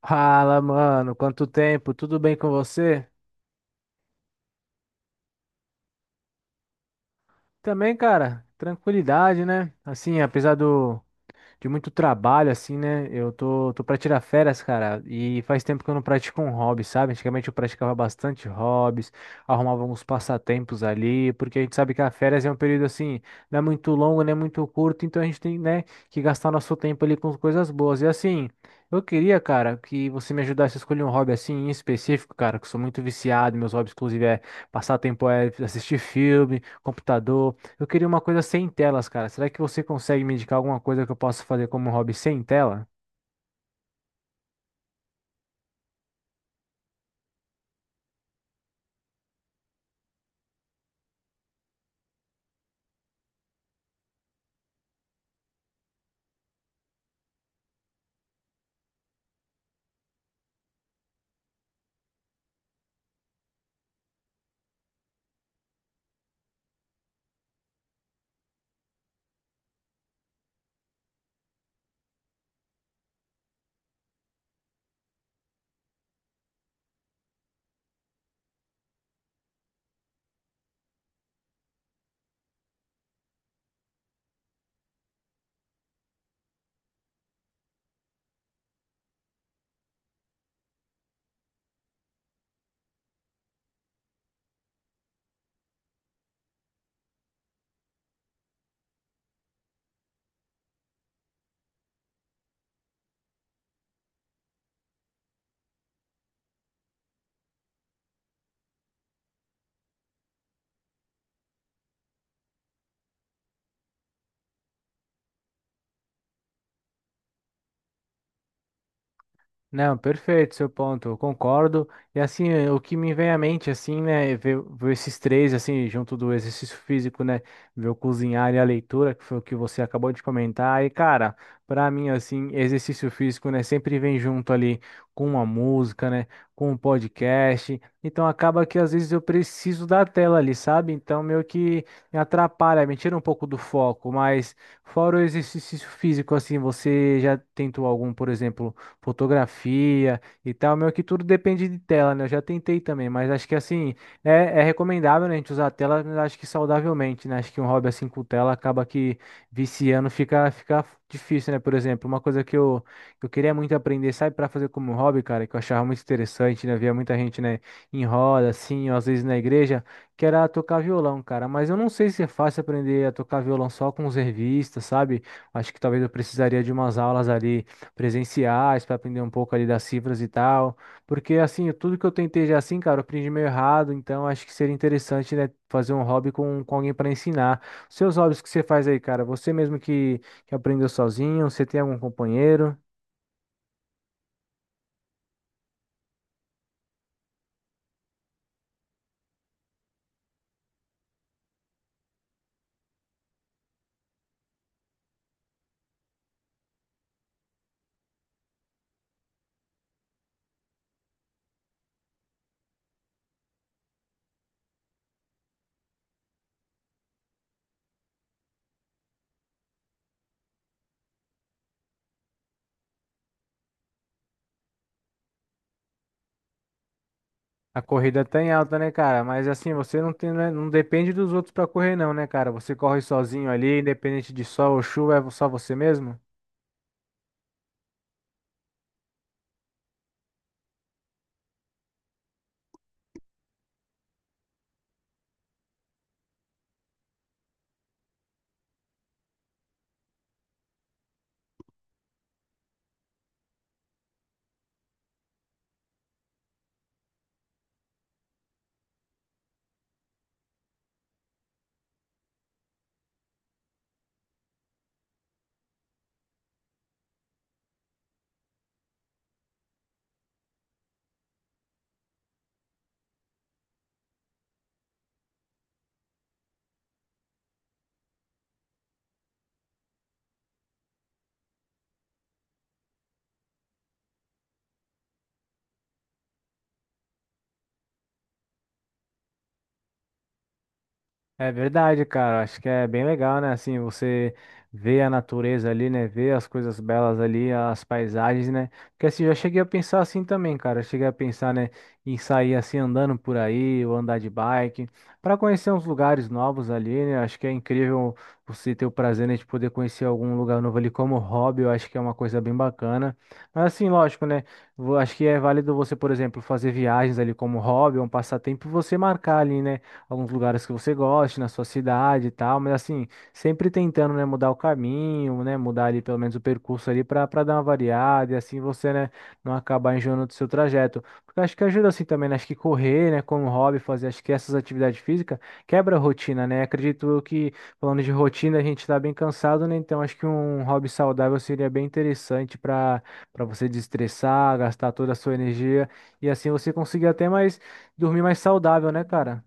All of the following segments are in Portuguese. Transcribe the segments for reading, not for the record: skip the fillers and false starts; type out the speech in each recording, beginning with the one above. Fala, mano, quanto tempo? Tudo bem com você? Também, cara, tranquilidade, né? Assim, apesar do, de muito trabalho, assim, né? Eu tô pra tirar férias, cara, e faz tempo que eu não pratico um hobby, sabe? Antigamente eu praticava bastante hobbies, arrumava uns passatempos ali, porque a gente sabe que a férias é um período assim, não é muito longo, nem muito curto, então a gente tem, né, que gastar nosso tempo ali com coisas boas. E assim, eu queria, cara, que você me ajudasse a escolher um hobby assim em específico, cara, que eu sou muito viciado, meus hobbies, inclusive, é passar tempo é assistir filme, computador. Eu queria uma coisa sem telas, cara. Será que você consegue me indicar alguma coisa que eu possa fazer como hobby sem tela? Não, perfeito, seu ponto, eu concordo. E assim, o que me vem à mente, assim, né, ver esses três, assim, junto do exercício físico, né, ver o cozinhar e a leitura, que foi o que você acabou de comentar. E, cara, pra mim, assim, exercício físico, né, sempre vem junto ali com uma música, né, com um podcast. Então, acaba que às vezes eu preciso da tela ali, sabe? Então, meio que me atrapalha, me tira um pouco do foco. Mas, fora o exercício físico, assim, você já tentou algum, por exemplo, fotografia e tal. Meio que tudo depende de tela, né? Eu já tentei também, mas acho que assim, é recomendável, né, a gente usar a tela, mas acho que saudavelmente, né? Acho que um hobby assim com tela acaba que viciando fica, fica difícil, né? Por exemplo, uma coisa que eu queria muito aprender, sabe, para fazer como hobby, cara, que eu achava muito interessante, né? Via muita gente, né, em roda, assim, ou às vezes na igreja, que era tocar violão, cara. Mas eu não sei se é fácil aprender a tocar violão só com os revistas, sabe? Acho que talvez eu precisaria de umas aulas ali presenciais para aprender um pouco ali das cifras e tal. Porque assim, tudo que eu tentei já assim, cara, eu aprendi meio errado, então acho que seria interessante, né, fazer um hobby com alguém para ensinar. Seus hobbies que você faz aí, cara, você mesmo que aprendeu sozinho, você tem algum companheiro? A corrida tá em alta, né, cara? Mas assim, você não tem, né, não depende dos outros para correr não, né, cara? Você corre sozinho ali, independente de sol ou chuva, é só você mesmo? É verdade, cara. Acho que é bem legal, né? Assim, você vê a natureza ali, né? Vê as coisas belas ali, as paisagens, né? Porque assim, eu já cheguei a pensar assim também, cara. Eu cheguei a pensar, né, em sair assim andando por aí, ou andar de bike, para conhecer uns lugares novos ali, né? Acho que é incrível você ter o prazer, né, de poder conhecer algum lugar novo ali como hobby. Eu acho que é uma coisa bem bacana. Mas assim, lógico, né? Acho que é válido você, por exemplo, fazer viagens ali como hobby, um passatempo, e você marcar ali, né? Alguns lugares que você goste na sua cidade e tal, mas assim, sempre tentando, né, mudar o caminho, né, mudar ali pelo menos o percurso ali para dar uma variada e assim você, né, não acabar enjoando do seu trajeto. Porque eu acho que ajuda assim também, né, acho que correr, né, como hobby, fazer acho que essas atividades físicas quebra a rotina, né? Acredito eu que falando de rotina, a gente tá bem cansado, né? Então acho que um hobby saudável seria bem interessante para você desestressar, gastar toda a sua energia e assim você conseguir até mais dormir mais saudável, né, cara?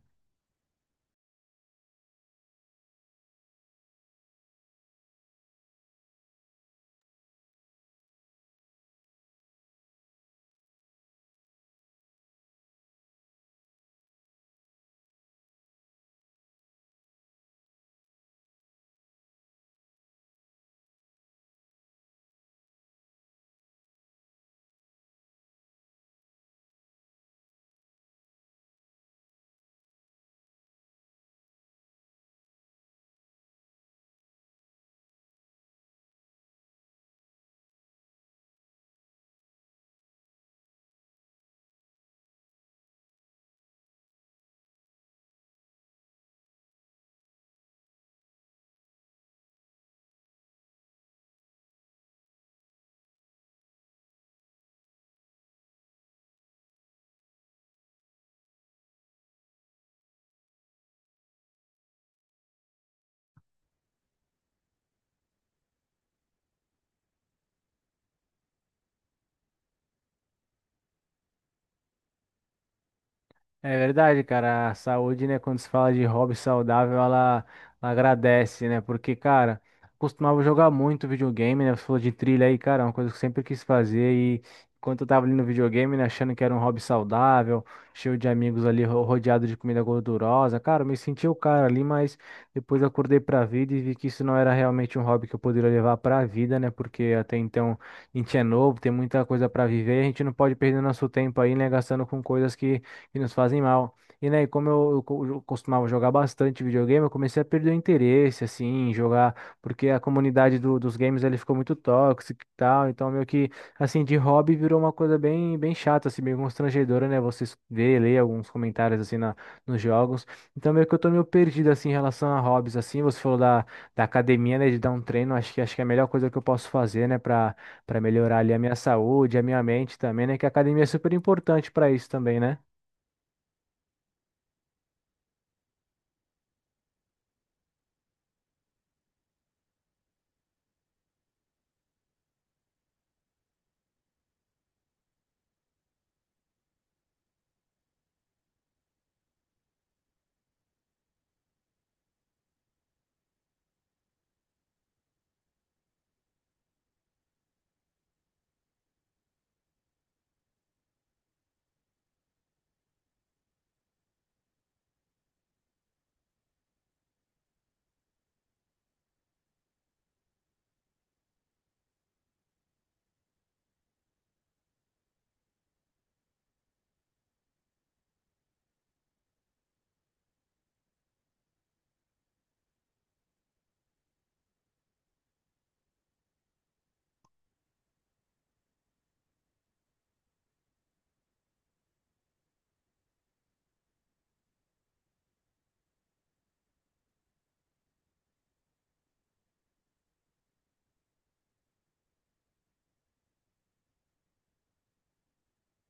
É verdade, cara. A saúde, né? Quando se fala de hobby saudável, ela agradece, né? Porque, cara, costumava jogar muito videogame, né? Você falou de trilha aí, cara, é uma coisa que eu sempre quis fazer. E enquanto eu tava ali no videogame, né, achando que era um hobby saudável, cheio de amigos ali, rodeado de comida gordurosa, cara, eu me senti o cara ali, mas depois acordei pra vida e vi que isso não era realmente um hobby que eu poderia levar pra vida, né? Porque até então a gente é novo, tem muita coisa pra viver, e a gente não pode perder nosso tempo aí, né? Gastando com coisas que nos fazem mal. E, né, como eu, eu costumava jogar bastante videogame, eu comecei a perder o interesse, assim, em jogar, porque a comunidade dos games, ele ficou muito tóxica e tal, então meio que, assim, de hobby virou uma coisa bem, bem chata, assim, meio constrangedora, né, você ver, ler alguns comentários, assim, na, nos jogos. Então meio que eu tô meio perdido, assim, em relação a hobbies, assim, você falou da, da academia, né, de dar um treino, acho que é a melhor coisa que eu posso fazer, né, pra, pra melhorar ali a minha saúde, a minha mente também, né, que a academia é super importante pra isso também, né?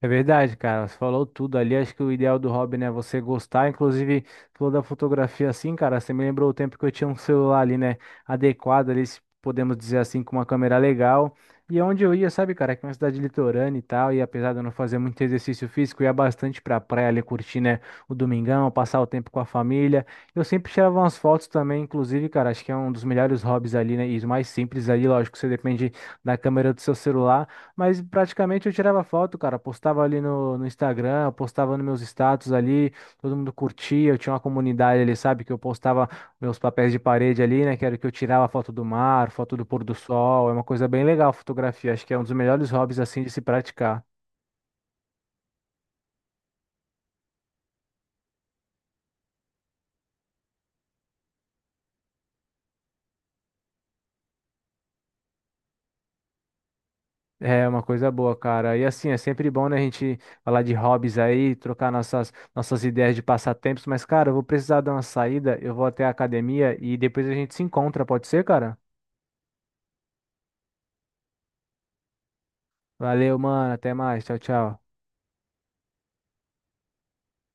É verdade, cara. Você falou tudo ali. Acho que o ideal do hobby, né, é você gostar. Inclusive, falou da fotografia assim, cara. Você me lembrou o tempo que eu tinha um celular ali, né, adequado ali, se podemos dizer assim, com uma câmera legal. E é onde eu ia, sabe, cara, que é uma cidade litorânea e tal. E apesar de eu não fazer muito exercício físico, eu ia bastante pra praia ali curtir, né, o domingão, passar o tempo com a família. Eu sempre tirava umas fotos também, inclusive, cara. Acho que é um dos melhores hobbies ali, né, e os mais simples ali. Lógico, você depende da câmera do seu celular. Mas praticamente eu tirava foto, cara. Postava ali no Instagram, postava nos meus status ali, todo mundo curtia. Eu tinha uma comunidade ali, sabe? Que eu postava meus papéis de parede ali, né? Que era que eu tirava foto do mar, foto do pôr do sol. É uma coisa bem legal a fotografia. Acho que é um dos melhores hobbies, assim, de se praticar. É uma coisa boa, cara. E assim, é sempre bom, né, a gente falar de hobbies aí, trocar nossas, nossas ideias de passatempos. Mas, cara, eu vou precisar dar uma saída. Eu vou até a academia e depois a gente se encontra, pode ser, cara? Valeu, mano. Até mais. Tchau, tchau.